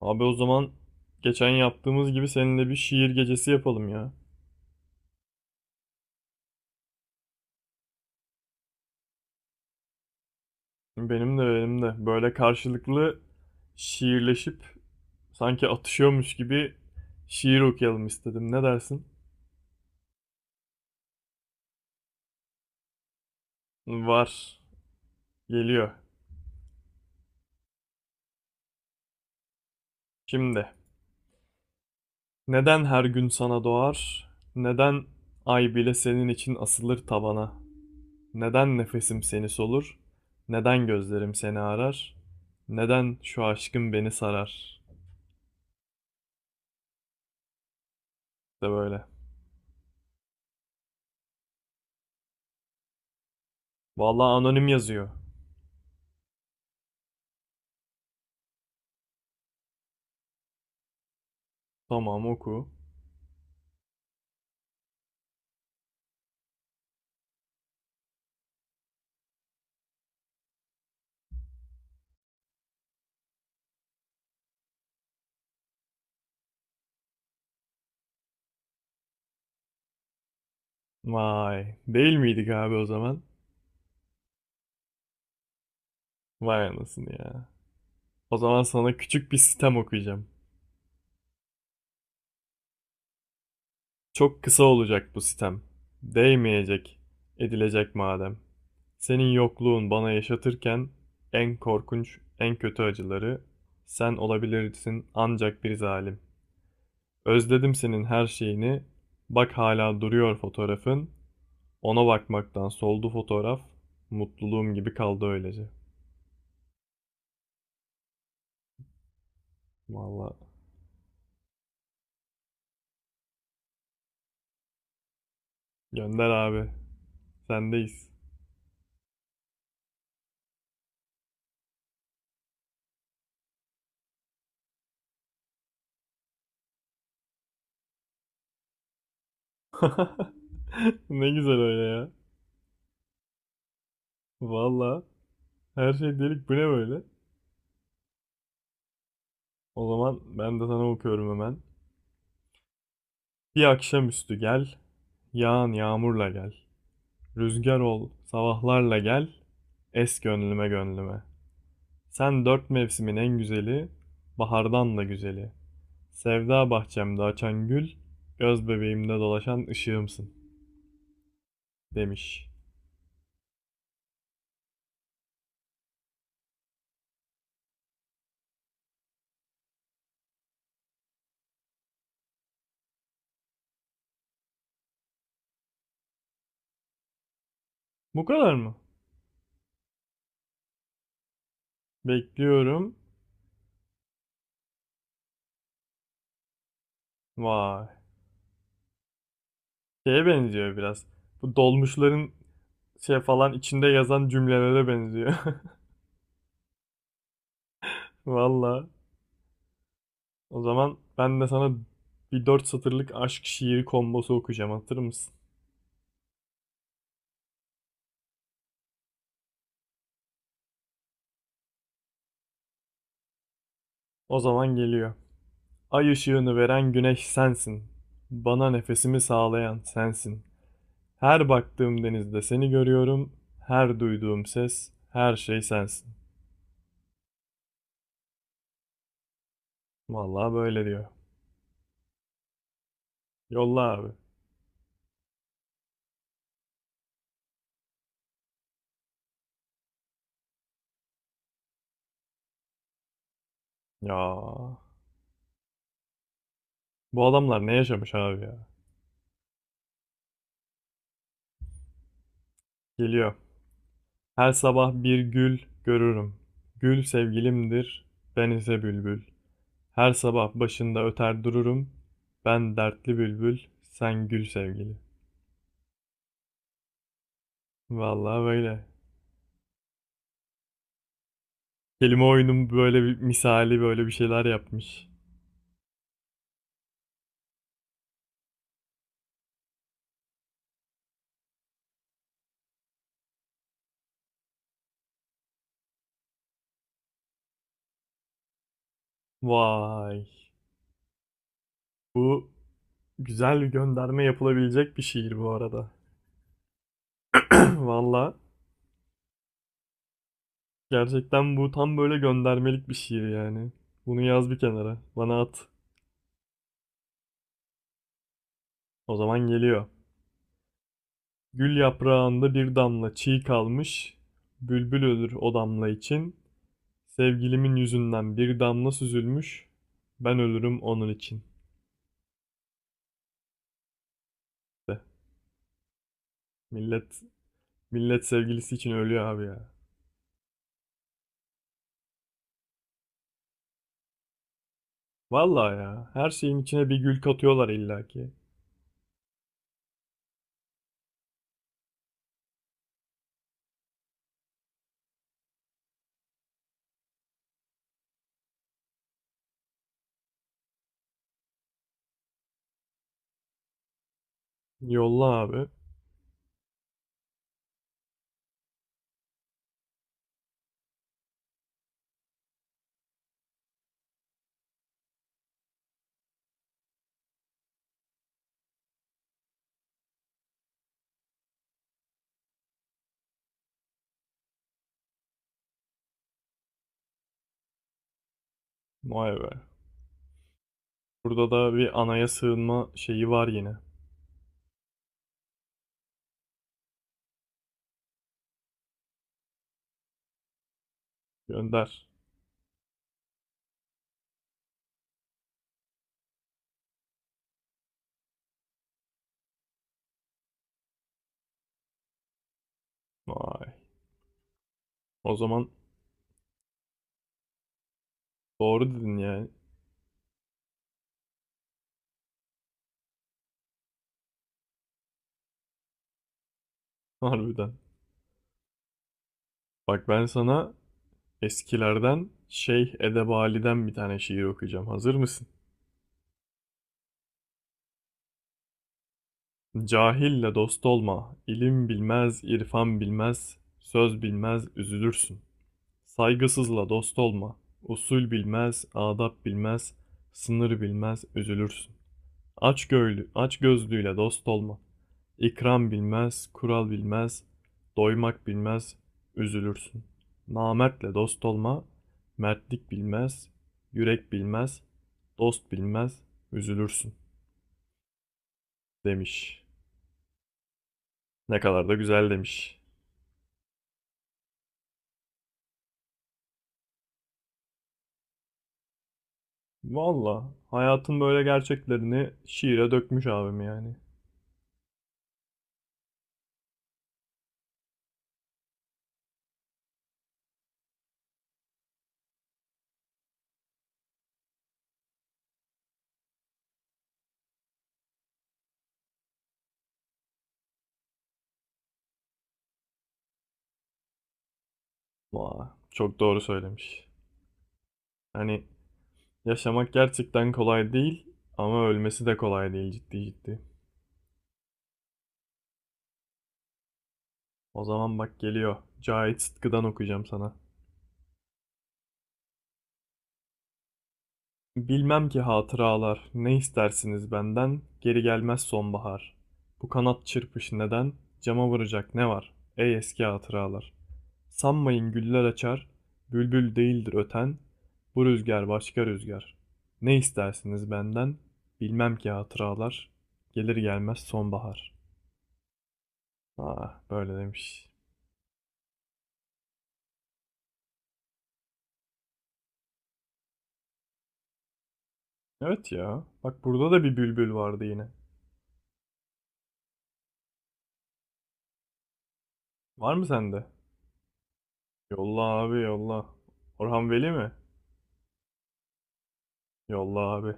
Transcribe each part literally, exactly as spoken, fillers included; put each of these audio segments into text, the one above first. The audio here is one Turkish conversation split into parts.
Abi o zaman geçen yaptığımız gibi seninle bir şiir gecesi yapalım ya. Benim de benim de. Böyle karşılıklı şiirleşip sanki atışıyormuş gibi şiir okuyalım istedim. Ne dersin? Var. Geliyor. Şimdi. Neden her gün sana doğar? Neden ay bile senin için asılır tavana? Neden nefesim seni solur? Neden gözlerim seni arar? Neden şu aşkın beni sarar? İşte böyle. Vallahi anonim yazıyor. Tamam, oku. Vay. Değil miydik abi o zaman? Vay anasını ya. O zaman sana küçük bir sitem okuyacağım. Çok kısa olacak bu sitem. Değmeyecek, edilecek madem. Senin yokluğun bana yaşatırken en korkunç, en kötü acıları sen olabilirsin ancak bir zalim. Özledim senin her şeyini. Bak hala duruyor fotoğrafın. Ona bakmaktan soldu fotoğraf. Mutluluğum gibi kaldı öylece. Vallahi gönder abi. Sendeyiz. Ne güzel öyle ya. Valla her şey delik, bu ne böyle? O zaman ben de sana okuyorum hemen. Bir akşamüstü gel, yağan yağmurla gel. Rüzgar ol, sabahlarla gel, es gönlüme gönlüme. Sen dört mevsimin en güzeli, bahardan da güzeli. Sevda bahçemde açan gül, göz bebeğimde dolaşan ışığımsın demiş. Bu kadar mı? Bekliyorum. Vay. Şeye benziyor biraz. Bu dolmuşların şey falan içinde yazan cümlelere benziyor. Valla. O zaman ben de sana bir dört satırlık aşk şiiri kombosu okuyacağım. Hatır mısın? O zaman geliyor. Ay ışığını veren güneş sensin. Bana nefesimi sağlayan sensin. Her baktığım denizde seni görüyorum. Her duyduğum ses, her şey sensin. Vallahi böyle diyor. Yolla abi. Ya. Bu adamlar ne yaşamış abi ya? Geliyor. Her sabah bir gül görürüm. Gül sevgilimdir, ben ise bülbül. Her sabah başında öter dururum. Ben dertli bülbül, sen gül sevgili. Vallahi böyle. Kelime oyunun böyle bir misali, böyle bir şeyler yapmış. Vay. Bu, güzel bir gönderme yapılabilecek bir şiir bu arada. Vallahi gerçekten bu tam böyle göndermelik bir şiir yani. Bunu yaz bir kenara. Bana at. O zaman geliyor. Gül yaprağında bir damla çiğ kalmış, bülbül ölür o damla için. Sevgilimin yüzünden bir damla süzülmüş, ben ölürüm onun için. De. Millet, millet sevgilisi için ölüyor abi ya. Vallahi ya, her şeyin içine bir gül katıyorlar illaki. Yolla abi. Vay be. Burada da bir anaya sığınma şeyi var yine. Gönder. Vay. O zaman doğru dedin yani. Harbiden. Bak ben sana eskilerden Şeyh Edebali'den bir tane şiir okuyacağım. Hazır mısın? Cahille dost olma, ilim bilmez, irfan bilmez, söz bilmez, üzülürsün. Saygısızla dost olma, usul bilmez, adap bilmez, sınır bilmez, üzülürsün. Aç göğlü, aç gözlüyle dost olma. İkram bilmez, kural bilmez, doymak bilmez, üzülürsün. Namertle dost olma, mertlik bilmez, yürek bilmez, dost bilmez, üzülürsün demiş. Ne kadar da güzel demiş. Valla hayatın böyle gerçeklerini şiire dökmüş abim yani. Vay, çok doğru söylemiş. Hani yaşamak gerçekten kolay değil ama ölmesi de kolay değil, ciddi ciddi. O zaman bak geliyor. Cahit Sıtkı'dan okuyacağım sana. Bilmem ki hatıralar, ne istersiniz benden, geri gelmez sonbahar. Bu kanat çırpış neden, cama vuracak ne var, ey eski hatıralar. Sanmayın güller açar, bülbül değildir öten, bu rüzgar başka rüzgar. Ne istersiniz benden, bilmem ki hatıralar, gelir gelmez sonbahar. Ah, böyle demiş. Evet ya, bak burada da bir bülbül vardı yine. Var mı sende? Yolla abi, yolla. Orhan Veli mi? Yolla abi.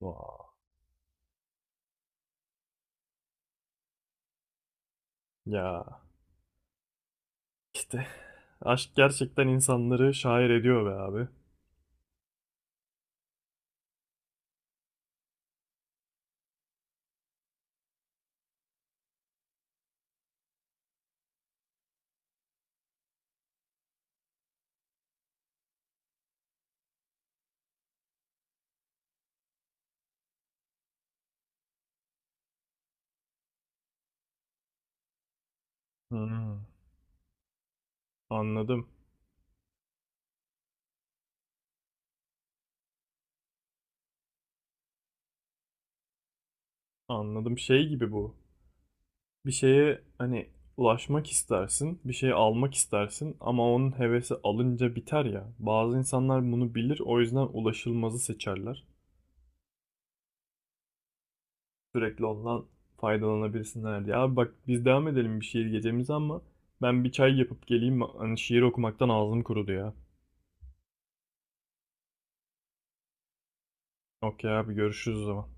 Vaa. Ya işte aşk gerçekten insanları şair ediyor be abi. Hmm. Anladım. Anladım. Şey gibi bu. Bir şeye hani ulaşmak istersin, bir şey almak istersin ama onun hevesi alınca biter ya. Bazı insanlar bunu bilir, o yüzden ulaşılmazı seçerler, sürekli ondan faydalanabilsinler diye. Abi bak biz devam edelim bir şiir gecemize ama ben bir çay yapıp geleyim. Hani şiir okumaktan ağzım kurudu ya. Okey abi, görüşürüz o zaman.